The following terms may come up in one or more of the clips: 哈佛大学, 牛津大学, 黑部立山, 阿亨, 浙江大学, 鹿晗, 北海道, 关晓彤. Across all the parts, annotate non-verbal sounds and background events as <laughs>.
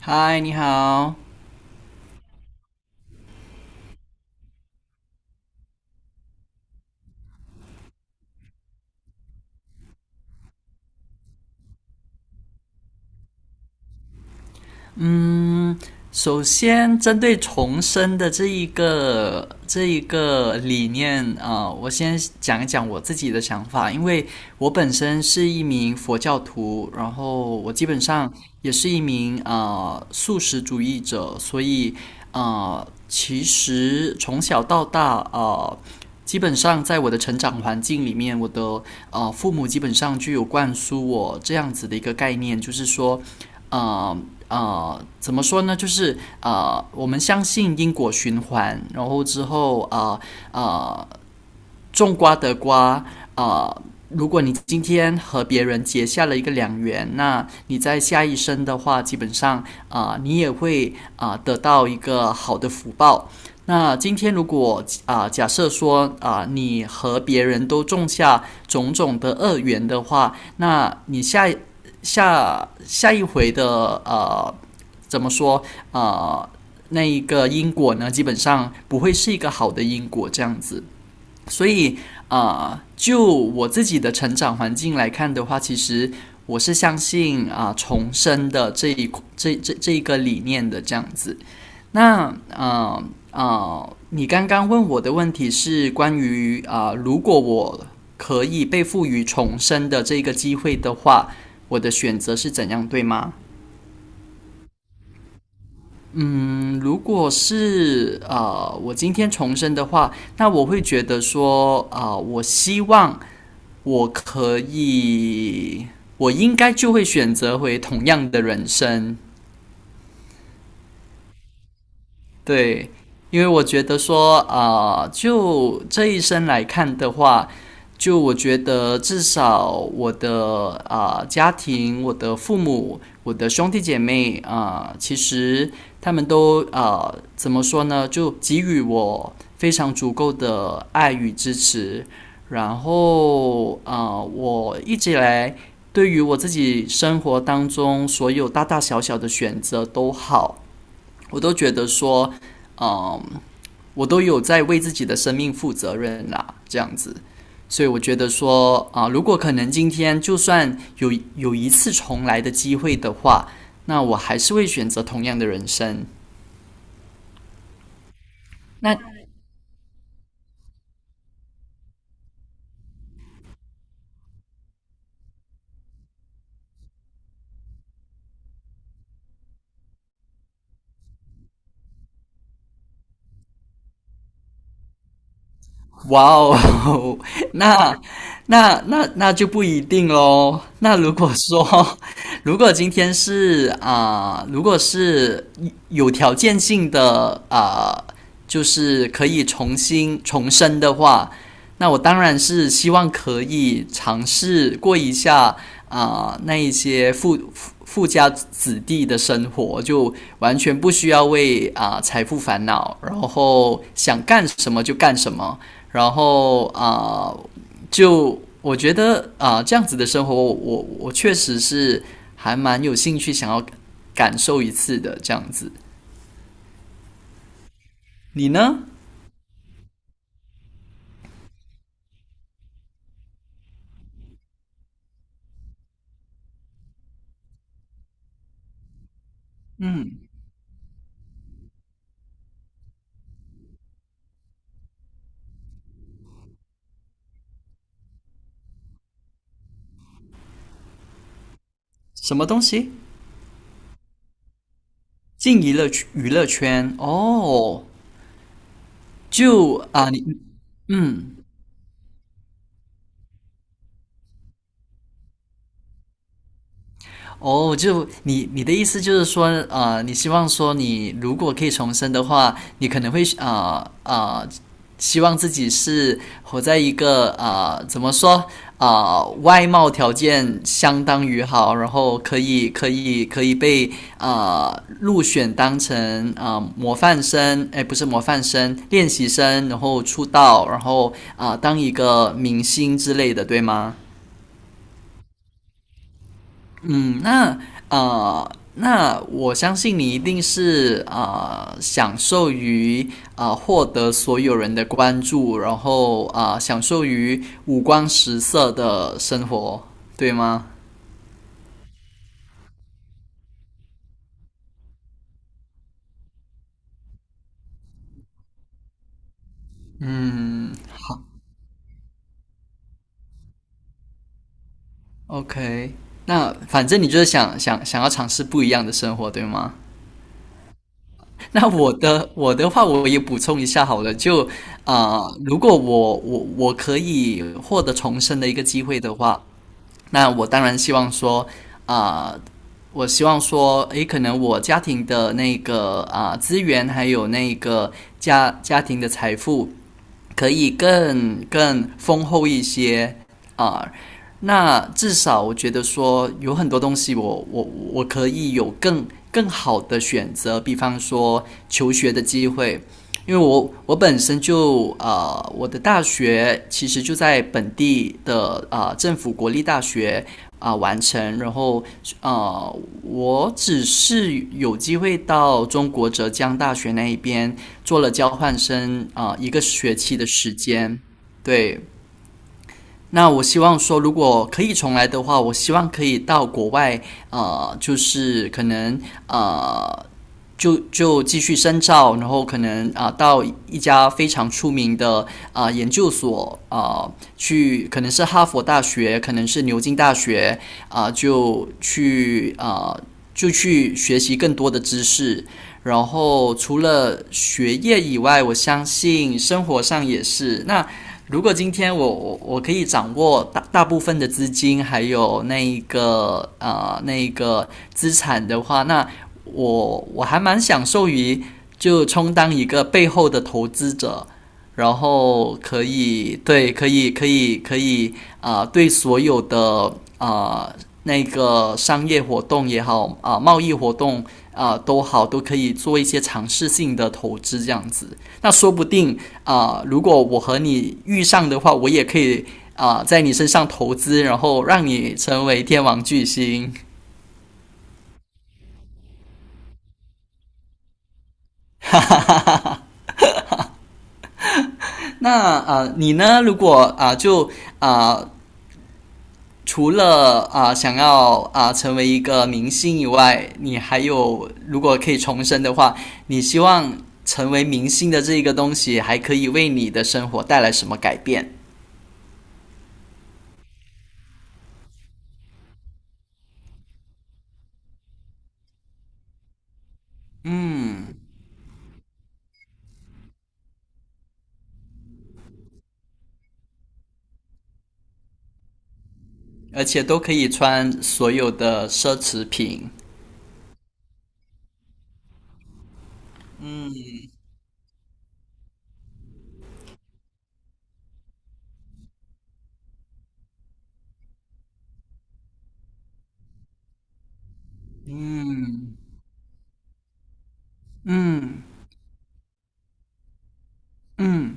嗨，你好。嗯，首先针对重生的这一个理念我先讲一讲我自己的想法，因为我本身是一名佛教徒，然后我基本上也是一名素食主义者，所以其实从小到大啊，基本上在我的成长环境里面，我的父母基本上就有灌输我这样子的一个概念，就是说，呃怎么说呢？就是我们相信因果循环。然后之后啊。呃种瓜得瓜，啊，如果你今天和别人结下了一个良缘，那你在下一生的话，基本上你也会得到一个好的福报。那今天如果假设说你和别人都种下种种的恶缘的话，那你下一回的怎么说啊？那一个因果呢，基本上不会是一个好的因果这样子。所以就我自己的成长环境来看的话，其实我是相信重生的这一个理念的这样子。那你刚刚问我的问题是关于如果我可以被赋予重生的这个机会的话，我的选择是怎样，对吗？嗯，如果是我今天重生的话，那我会觉得说，我希望我可以，我应该就会选择回同样的人生。对，因为我觉得说，就这一生来看的话，就我觉得至少我的家庭、我的父母、我的兄弟姐妹其实他们都怎么说呢？就给予我非常足够的爱与支持。然后我一直以来对于我自己生活当中所有大大小小的选择都好。我都觉得说，嗯，我都有在为自己的生命负责任啦，这样子。所以我觉得说，如果可能，今天就算有一次重来的机会的话，那我还是会选择同样的人生。那哇哦，<laughs> 那那就不一定喽。那如果说，<laughs> 如果今天是如果是有条件性的就是可以重新重生的话，那我当然是希望可以尝试过一下那一些富家子弟的生活，就完全不需要为财富烦恼，然后想干什么就干什么，然后就我觉得这样子的生活我确实是还蛮有兴趣想要感受一次的这样子。你呢？什么东西？进娱乐圈哦，就你。嗯。哦，就你的意思就是说，你希望说你如果可以重生的话，你可能会希望自己是活在一个怎么说外貌条件相当于好，然后可以 <laughs> 可以被入选当成模范生，哎，不是模范生，练习生，然后出道，然后当一个明星之类的，对吗？嗯，那我相信你一定是享受于获得所有人的关注，然后啊，享受于五光十色的生活，对吗？嗯，OK。那反正你就是想要尝试不一样的生活，对吗？那我的话，我也补充一下好了，就如果我可以获得重生的一个机会的话，那我当然希望说，啊、呃我希望说，诶，可能我家庭的那个资源，还有那个家庭的财富，可以更丰厚一些。啊、呃那至少我觉得说有很多东西我可以有更好的选择，比方说求学的机会，因为我本身就我的大学其实就在本地的政府国立大学完成，然后呃，我只是有机会到中国浙江大学那一边做了交换生一个学期的时间。对，那我希望说，如果可以重来的话，我希望可以到国外，就是可能呃，就继续深造，然后可能到一家非常出名的研究所去，可能是哈佛大学，可能是牛津大学啊、呃就去啊、呃就去学习更多的知识。然后除了学业以外，我相信生活上也是，如果今天我可以掌握大部分的资金，还有那一个资产的话，那我还蛮享受于就充当一个背后的投资者，然后可以对所有的啊呃那个商业活动也好贸易活动都好，都可以做一些尝试性的投资这样子。那说不定如果我和你遇上的话，我也可以在你身上投资，然后让你成为天王巨星。<laughs> 那你呢？如果就啊、呃除了想要成为一个明星以外，你还有如果可以重生的话，你希望成为明星的这个东西还可以为你的生活带来什么改变？嗯，而且都可以穿所有的奢侈品。嗯，嗯嗯，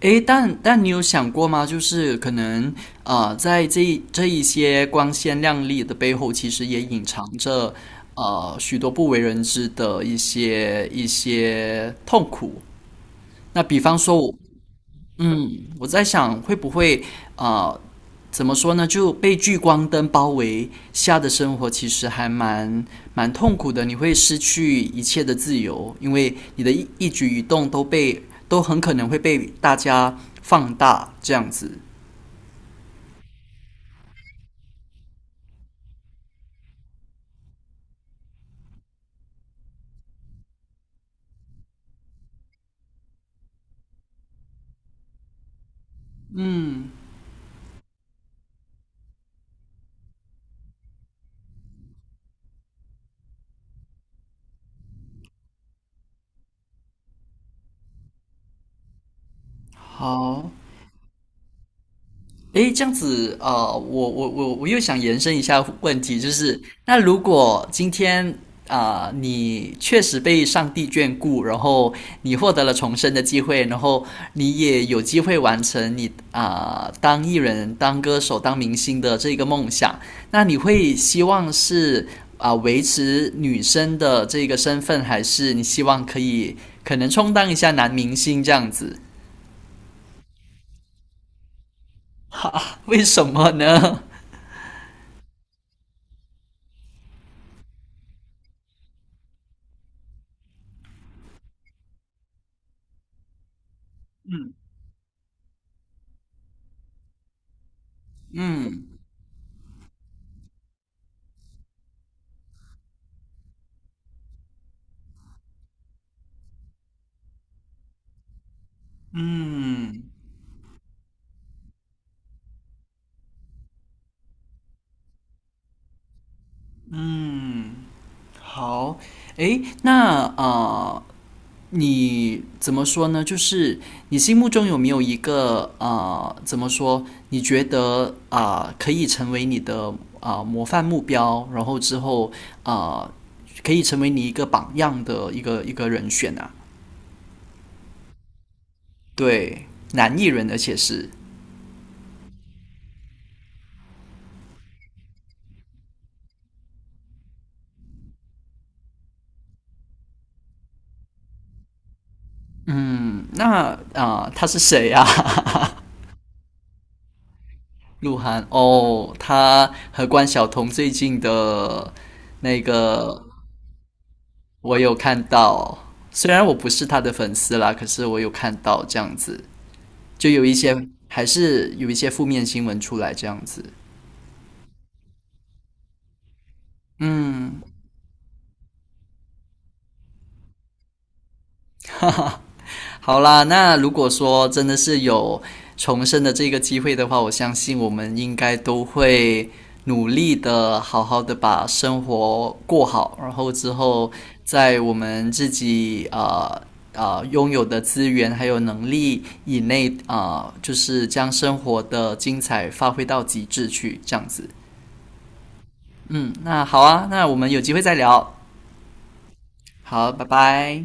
诶，但你有想过吗？就是可能在这一些光鲜亮丽的背后，其实也隐藏着许多不为人知的一些痛苦。那比方说我，嗯，我在想会不会啊？怎么说呢？就被聚光灯包围下的生活，其实还蛮痛苦的。你会失去一切的自由，因为你的一举一动都很可能会被大家放大，这样子。嗯，好，诶，这样子，我又想延伸一下问题，就是那如果今天你确实被上帝眷顾，然后你获得了重生的机会，然后你也有机会完成你当艺人、当歌手、当明星的这个梦想，那你会希望是维持女生的这个身份，还是你希望可以可能充当一下男明星这样子？<laughs> 为什么呢？<laughs> 嗯。嗯嗯，好，诶，那，你怎么说呢？就是你心目中有没有一个怎么说？你觉得可以成为你的模范目标，然后之后啊、呃可以成为你一个榜样的一个人选啊？对，男艺人，而且是，嗯，那他是谁啊？<laughs> 鹿晗哦，他和关晓彤最近的那个我有看到，虽然我不是他的粉丝啦，可是我有看到这样子，就有一些还是有一些负面新闻出来这样子。嗯，<laughs> 哈哈，好啦，那如果说真的是有重生的这个机会的话，我相信我们应该都会努力的，好好的把生活过好，然后之后在我们自己拥有的资源还有能力以内，就是将生活的精彩发挥到极致去，这样子。嗯，那好啊，那我们有机会再聊。好，拜拜。